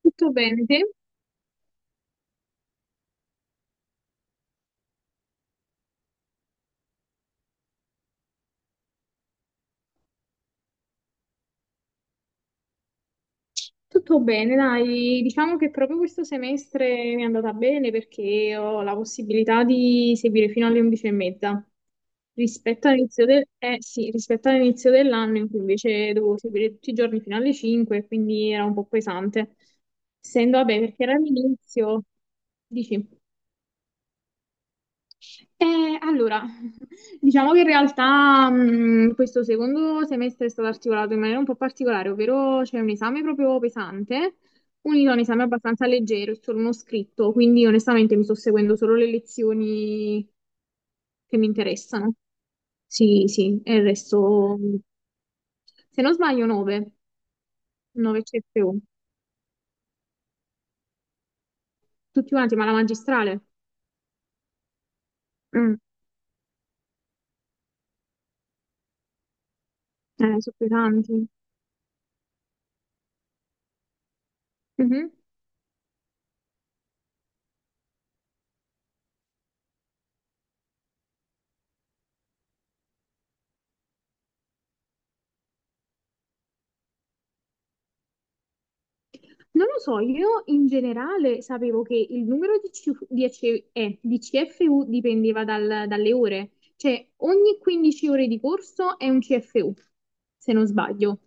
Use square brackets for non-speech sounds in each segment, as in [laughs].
Tutto bene, te? Tutto bene, dai. Diciamo che proprio questo semestre mi è andata bene perché ho la possibilità di seguire fino alle 11 e mezza. Sì, rispetto all'inizio dell'anno in cui invece dovevo seguire tutti i giorni fino alle 5, quindi era un po' pesante. Essendo, vabbè, perché era l'inizio, dici. Allora, [laughs] diciamo che in realtà questo secondo semestre è stato articolato in maniera un po' particolare, ovvero c'è un esame proprio pesante, unito a un esame abbastanza leggero, è solo uno scritto, quindi onestamente mi sto seguendo solo le lezioni che mi interessano. Sì, sì, e il resto, se non sbaglio, 9, 9 CFU, tutti quanti, ma la magistrale. Mm. Eh, sono pesanti. Mhm. Non lo so, io in generale sapevo che il numero di, CF di EC eh, di CFU dipendeva dalle ore, cioè ogni 15 ore di corso è un CFU, se non sbaglio.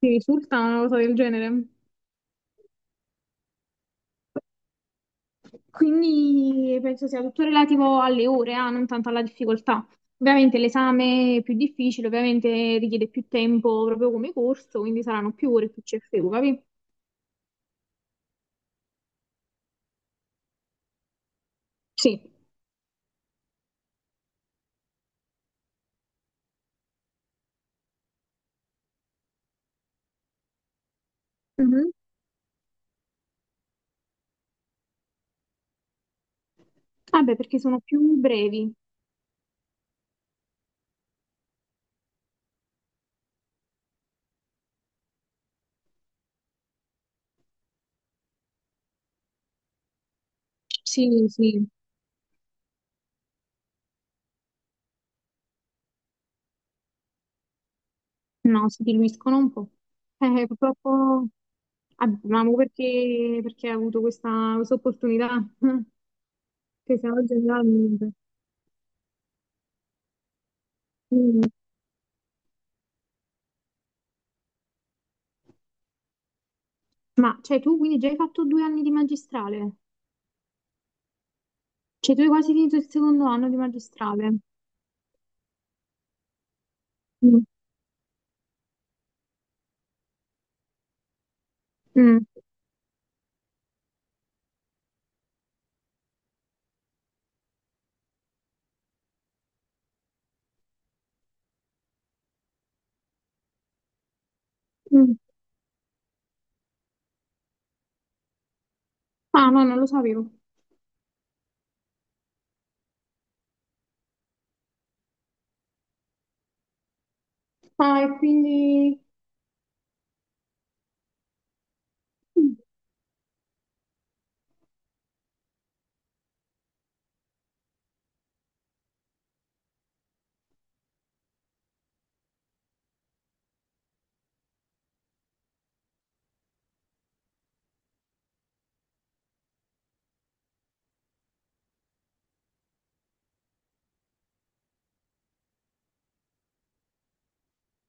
Mi risulta una cosa del genere. Quindi penso sia tutto relativo alle ore, ah, non tanto alla difficoltà. Ovviamente l'esame è più difficile, ovviamente richiede più tempo proprio come corso, quindi saranno più ore più CFU, capi? Sì. Mhm. Vabbè, perché sono più brevi. Sì, sì. No, si diluiscono un po'. Purtroppo abbiamo perché hai avuto questa opportunità, [laughs] che se no generalmente. Mm. Ma cioè, tu quindi già hai fatto 2 anni di magistrale? Cioè, tu hai quasi finito il secondo anno di magistrale? Mm. Mm. Mm. Ah, no, non lo sapevo. Ah, e quindi.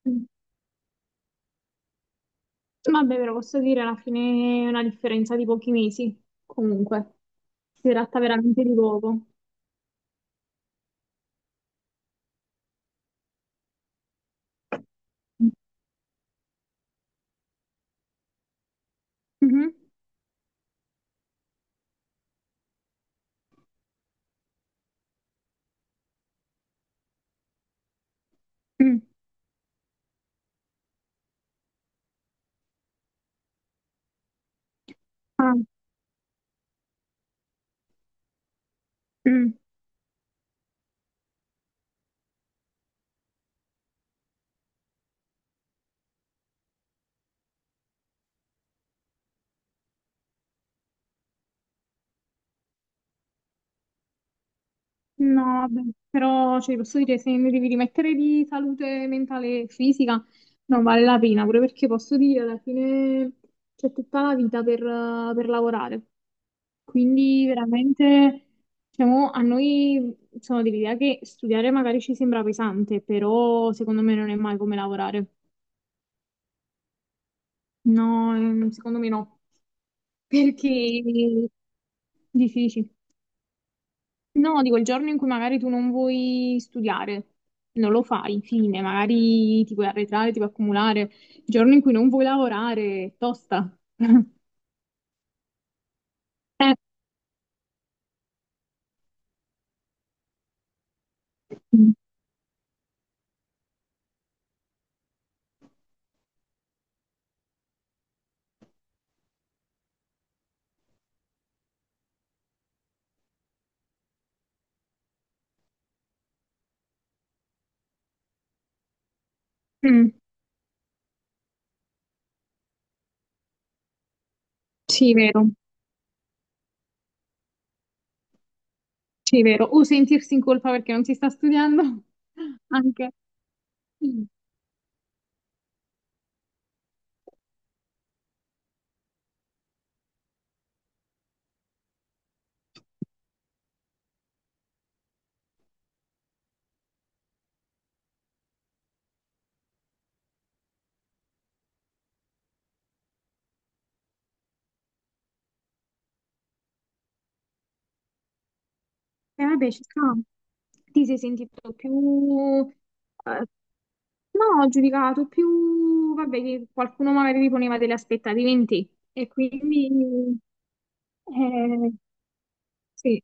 Mm. Vabbè, però posso dire alla fine è una differenza di pochi mesi, comunque. Si tratta veramente di poco. Mhm. Mm. Ah, mm. No, vabbè, però cioè, posso dire, se ne devi rimettere di salute mentale e fisica, non vale la pena, pure perché posso dire, alla fine c'è tutta la vita per lavorare. Quindi veramente, diciamo, a noi sono dell'idea che studiare magari ci sembra pesante, però secondo me non è mai come lavorare. No, secondo me no, [laughs] perché dici, dici. No, dico il giorno in cui magari tu non vuoi studiare, non lo fai, fine, magari ti puoi arretrare, ti puoi accumulare. Il giorno in cui non vuoi lavorare, è tosta. [laughs] Eh, mm, mm, sì, vero, sì, vero. O sentirsi in colpa perché non si sta studiando, [laughs] anche. Mm. E vabbè, ci sta. Ti sei sentito più. Eh. No, giudicato più, vabbè, che qualcuno magari ti poneva delle aspettative in te e quindi eh, Sì,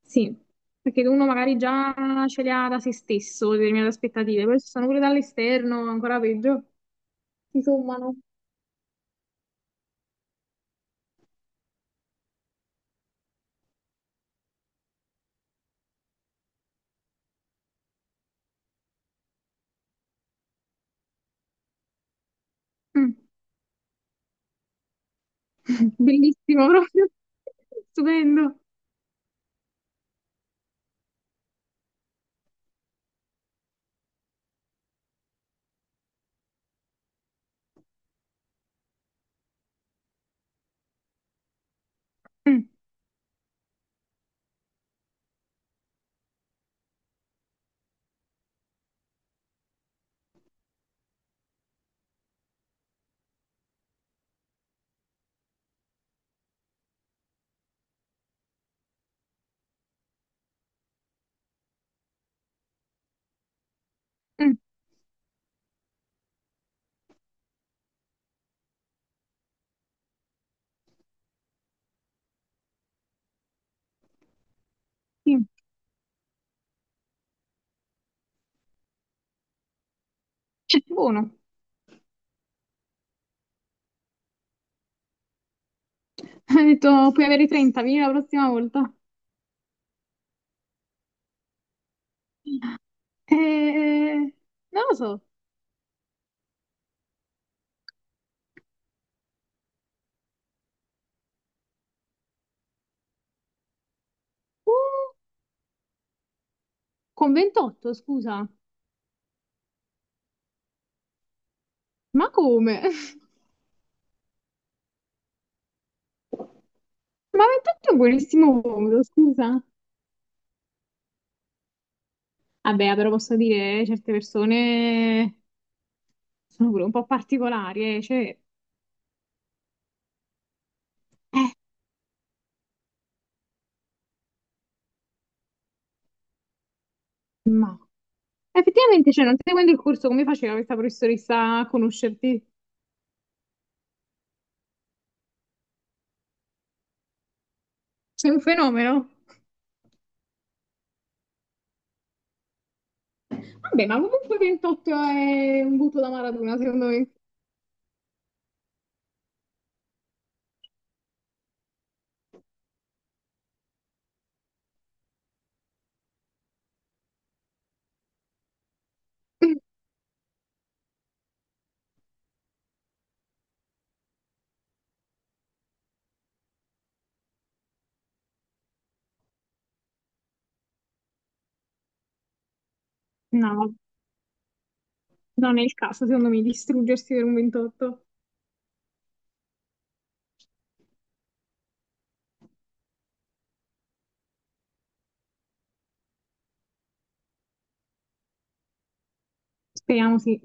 sì, perché uno magari già ce le ha da se stesso determinate aspettative, poi ci sono pure dall'esterno, ancora peggio, si sommano. Mm. [laughs] Bellissimo proprio, [laughs] stupendo. Mm, mm, sì. Cioè, buono. Ha [laughs] detto, puoi avere 30, vieni la prossima volta. Eh, eh, non lo so. Uh, con 28, scusa, ma come? [laughs] Ma 28 è un buonissimo modo, scusa. Vabbè, però posso dire, certe persone. Sono pure un po' particolari, cioè, ma effettivamente, cioè, non seguendo il corso, come faceva questa professoressa a conoscerti? Sei un fenomeno. Vabbè, ma comunque 28 è un butto da Maradona, secondo me. [clears throat] [laughs] No, non è il caso, secondo me, distruggersi per un 28. Speriamo sì.